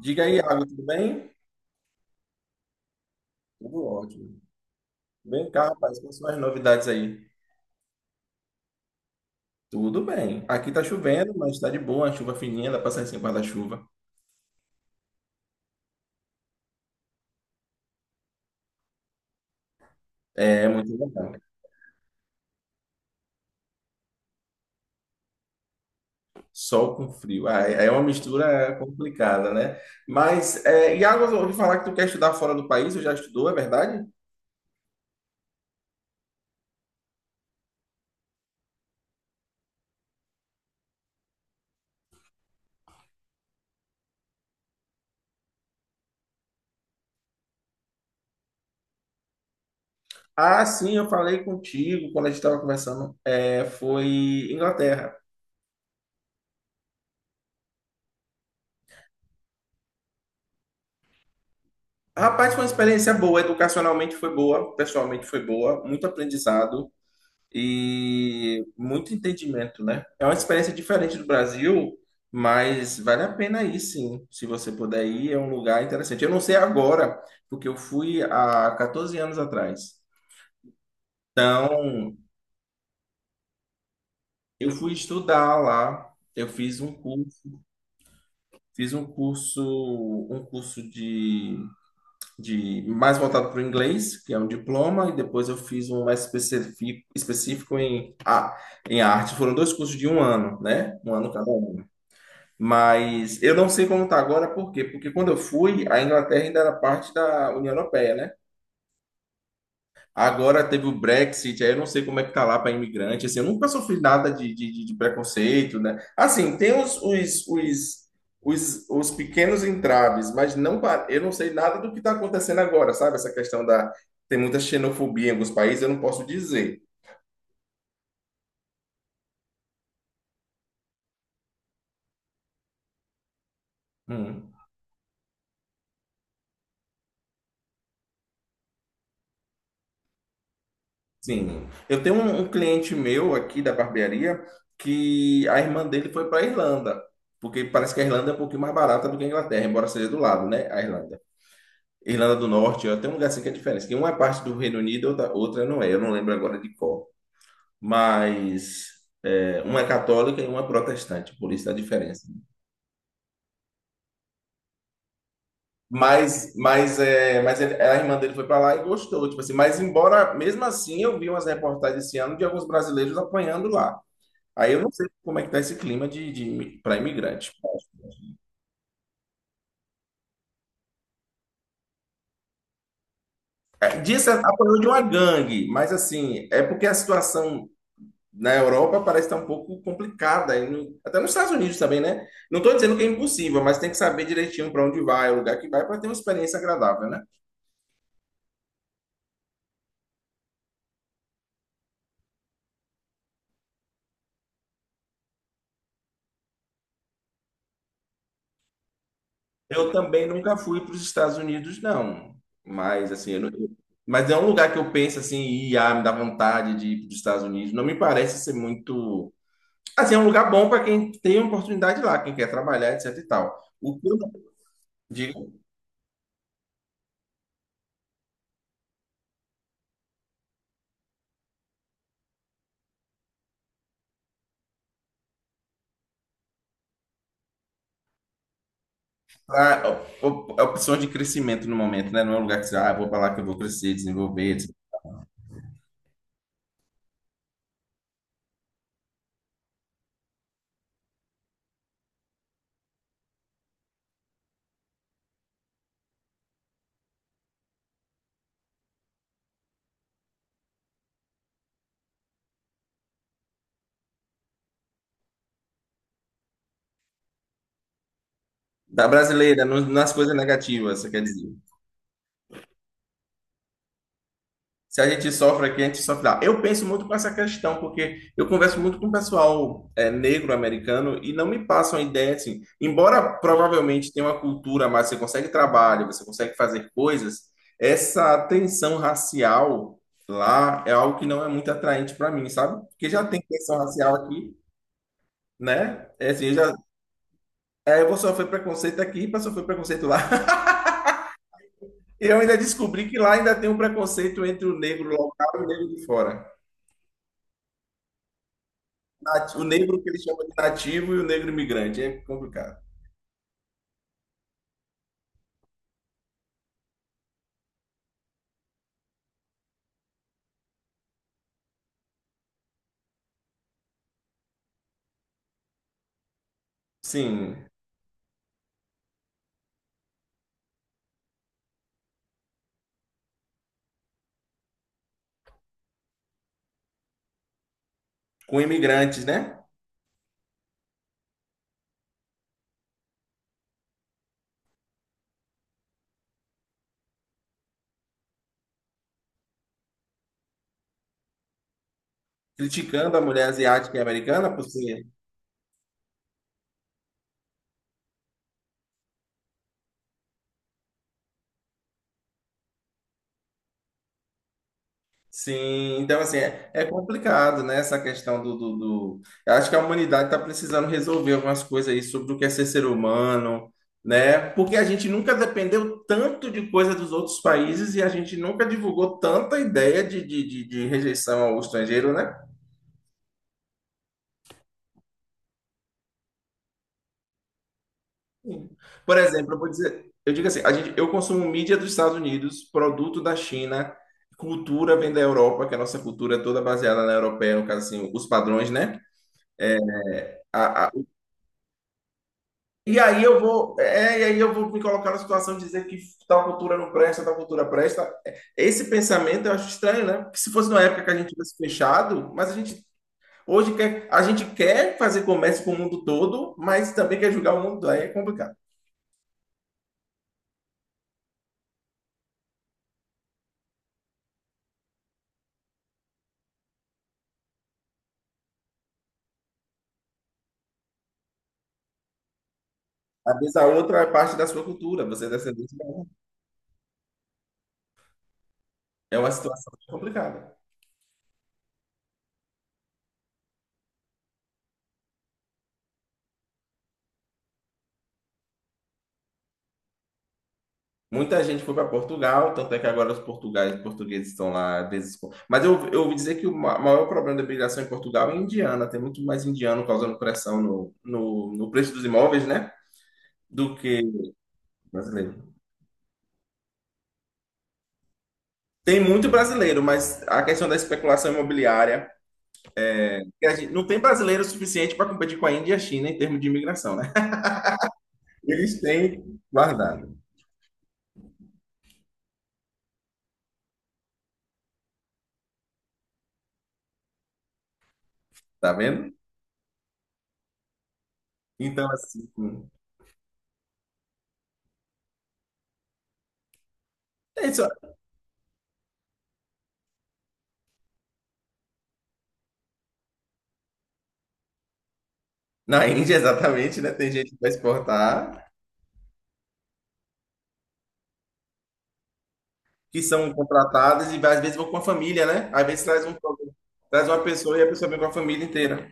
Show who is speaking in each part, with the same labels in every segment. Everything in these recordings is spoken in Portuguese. Speaker 1: Diga aí, Iago, tudo bem? Tudo ótimo. Vem cá, rapaz, quais são as novidades aí? Tudo bem. Aqui tá chovendo, mas tá de boa, chuva fininha, dá pra sair sem guarda-chuva. É muito legal. Sol com frio. Ah, é uma mistura complicada, né? Mas, é, Iago, eu ouvi falar que tu quer estudar fora do país, eu já estudou, é verdade? Ah, sim, eu falei contigo quando a gente estava conversando. É, foi Inglaterra. Rapaz, foi uma experiência boa, educacionalmente foi boa, pessoalmente foi boa, muito aprendizado, e muito entendimento, né? É uma experiência diferente do Brasil, mas vale a pena ir, sim. Se você puder ir, é um lugar interessante. Eu não sei agora, porque eu fui há 14 anos atrás. Então, eu fui estudar lá, eu fiz um curso, fiz um curso, um curso de mais voltado para o inglês, que é um diploma, e depois eu fiz um mais específico, específico em, em arte. Foram dois cursos de um ano, né? Um ano cada um. Mas eu não sei como está agora, por quê? Porque quando eu fui, a Inglaterra ainda era parte da União Europeia, né? Agora teve o Brexit, aí eu não sei como é que tá lá para imigrante, assim, eu nunca sofri nada de preconceito, né? Assim, tem os pequenos entraves, mas não, eu não sei nada do que está acontecendo agora, sabe? Essa questão da... Tem muita xenofobia em alguns países, eu não posso dizer. Hum. Sim, eu tenho um cliente meu aqui da barbearia que a irmã dele foi para a Irlanda, porque parece que a Irlanda é um pouquinho mais barata do que a Inglaterra, embora seja do lado, né? A Irlanda. Irlanda do Norte, ó, tem um lugar assim que é diferente, que uma é parte do Reino Unido, outra, outra não é, eu não lembro agora de qual. Mas é, uma é católica e uma é protestante, por isso a diferença. Mas é, mas a irmã dele foi para lá e gostou, tipo assim, mas embora, mesmo assim, eu vi umas reportagens esse ano de alguns brasileiros apanhando lá. Aí eu não sei como é que tá esse clima para imigrante. É, Disse apanhou de uma gangue, mas assim, é porque a situação na Europa parece estar um pouco complicada, e até nos Estados Unidos também, né? Não estou dizendo que é impossível, mas tem que saber direitinho para onde vai, o lugar que vai, para ter uma experiência agradável, né? Eu também nunca fui para os Estados Unidos, não. Mas assim, eu não- mas é um lugar que eu penso assim, e ah, me dá vontade de ir para os Estados Unidos. Não me parece ser muito. Assim, é um lugar bom para quem tem oportunidade lá, quem quer trabalhar, etc e tal. O que eu não digo, a opção de crescimento no momento, né? Não é um lugar que você, ah, vou para lá que eu vou crescer, desenvolver, etc. Da brasileira, nas coisas negativas, você quer dizer. Se a gente sofre aqui, a gente sofre lá. Eu penso muito com essa questão, porque eu converso muito com o pessoal é, negro americano e não me passam a ideia assim. Embora provavelmente tenha uma cultura, mas você consegue trabalho, você consegue fazer coisas, essa tensão racial lá é algo que não é muito atraente para mim, sabe? Porque já tem tensão racial aqui, né? É assim, eu já, é, eu vou sofrer preconceito aqui para sofrer preconceito lá. E eu ainda descobri que lá ainda tem um preconceito entre o negro local e o negro de fora. O negro que ele chama de nativo e o negro imigrante. É complicado. Sim, com imigrantes, né? Criticando a mulher asiática e americana por ser. Sim, então assim, é, é complicado, né? Essa questão do. Eu acho que a humanidade está precisando resolver algumas coisas aí sobre o que é ser ser humano, né? Porque a gente nunca dependeu tanto de coisa dos outros países e a gente nunca divulgou tanta ideia de rejeição ao estrangeiro, né? Sim. Por exemplo, eu vou dizer, eu digo assim, a gente, eu consumo mídia dos Estados Unidos, produto da China, cultura vem da Europa, que a nossa cultura é toda baseada na europeia, no caso assim, os padrões, né? É, A- a- e aí eu vou, é, e aí eu vou me colocar na situação de dizer que tal cultura não presta, tal cultura presta. Esse pensamento eu acho estranho, né? Porque se fosse numa época que a gente tivesse fechado, mas a gente hoje quer, a gente quer fazer comércio com o mundo todo, mas também quer julgar o mundo, aí é complicado. Às vezes a outra é parte da sua cultura, você é descendente. É uma situação complicada. Muita gente foi para Portugal, tanto é que agora os portugais, portugueses estão lá mas eu ouvi dizer que o maior problema da imigração em Portugal é indiana. Tem muito mais indiano causando pressão no preço dos imóveis, né? Do que brasileiro. Tem muito brasileiro, mas a questão da especulação imobiliária, que não tem brasileiro suficiente para competir com a Índia e a China em termos de imigração, né? Eles têm guardado, tá vendo? Então, assim, é isso. Na Índia, exatamente, né? Tem gente que vai exportar, que são contratadas e às vezes vão com a família, né? Às vezes traz traz uma pessoa e a pessoa vem com a família inteira.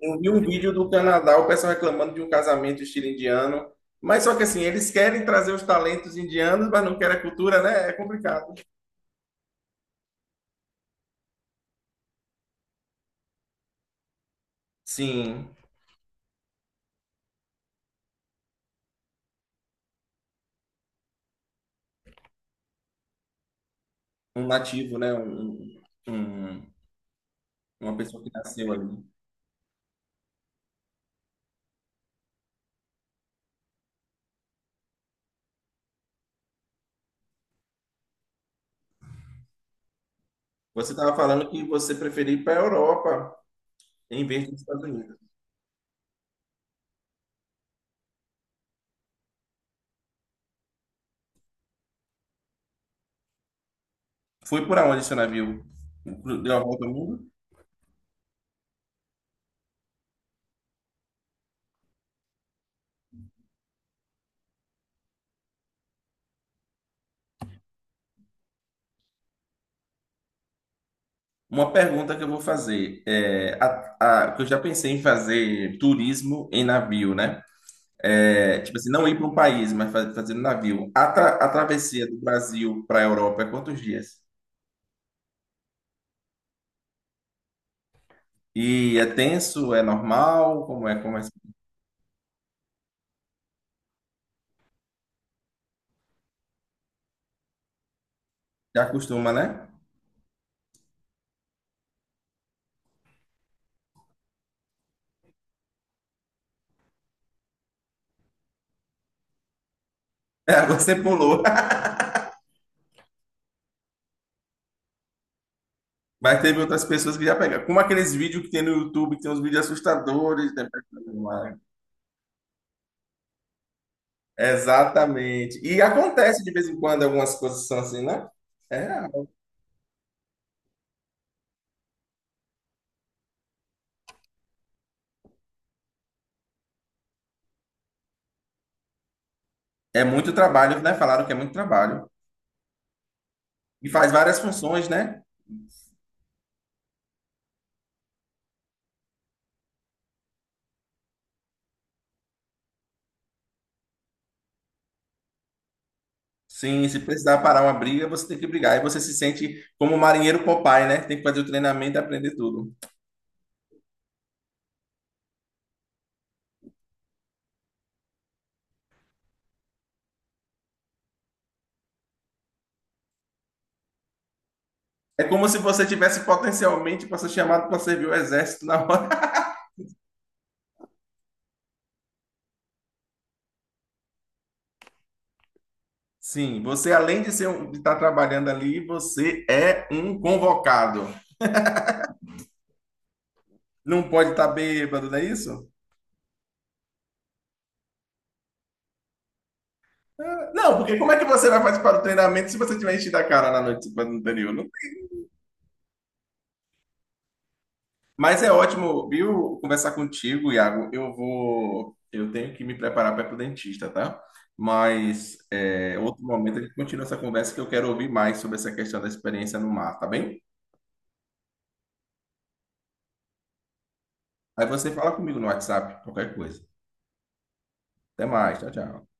Speaker 1: Eu vi um vídeo do Canadá, o pessoal reclamando de um casamento estilo indiano, mas só que assim, eles querem trazer os talentos indianos, mas não querem a cultura, né? É complicado. Sim, um nativo, né? Um- uma pessoa que nasceu ali. Você estava falando que você preferia ir para a Europa em vez dos Estados Unidos. Foi por aonde seu navio? Deu a volta ao mundo? Uma pergunta que eu vou fazer, é, que eu já pensei em fazer turismo em navio, né? É, tipo assim, não ir para um país, mas fazer no navio. A travessia do Brasil para a Europa é quantos dias? E é tenso, é normal, como é, como é? Já acostuma, né? É, você pulou. Mas teve outras pessoas que já pegaram. Como aqueles vídeos que tem no YouTube, que tem uns vídeos assustadores, né? Exatamente. E acontece de vez em quando algumas coisas são assim, né? É, é muito trabalho, né? Falaram que é muito trabalho. E faz várias funções, né? Sim, se precisar parar uma briga, você tem que brigar. E você se sente como o marinheiro Popeye, né? Tem que fazer o treinamento e aprender tudo. É como se você tivesse potencialmente para ser chamado para servir o exército na hora. Sim, você além de ser de estar trabalhando ali, você é um convocado. Não pode estar bêbado, não é isso? Ah, não, porque como é que você vai participar do treinamento se você tiver enchido a cara na noite anterior? Mas é ótimo, viu, conversar contigo, Iago. Eu vou, eu tenho que me preparar para ir pro dentista, tá? Mas é, outro momento a gente continua essa conversa que eu quero ouvir mais sobre essa questão da experiência no mar, tá bem? Aí você fala comigo no WhatsApp, qualquer coisa. Até mais, tchau, tchau.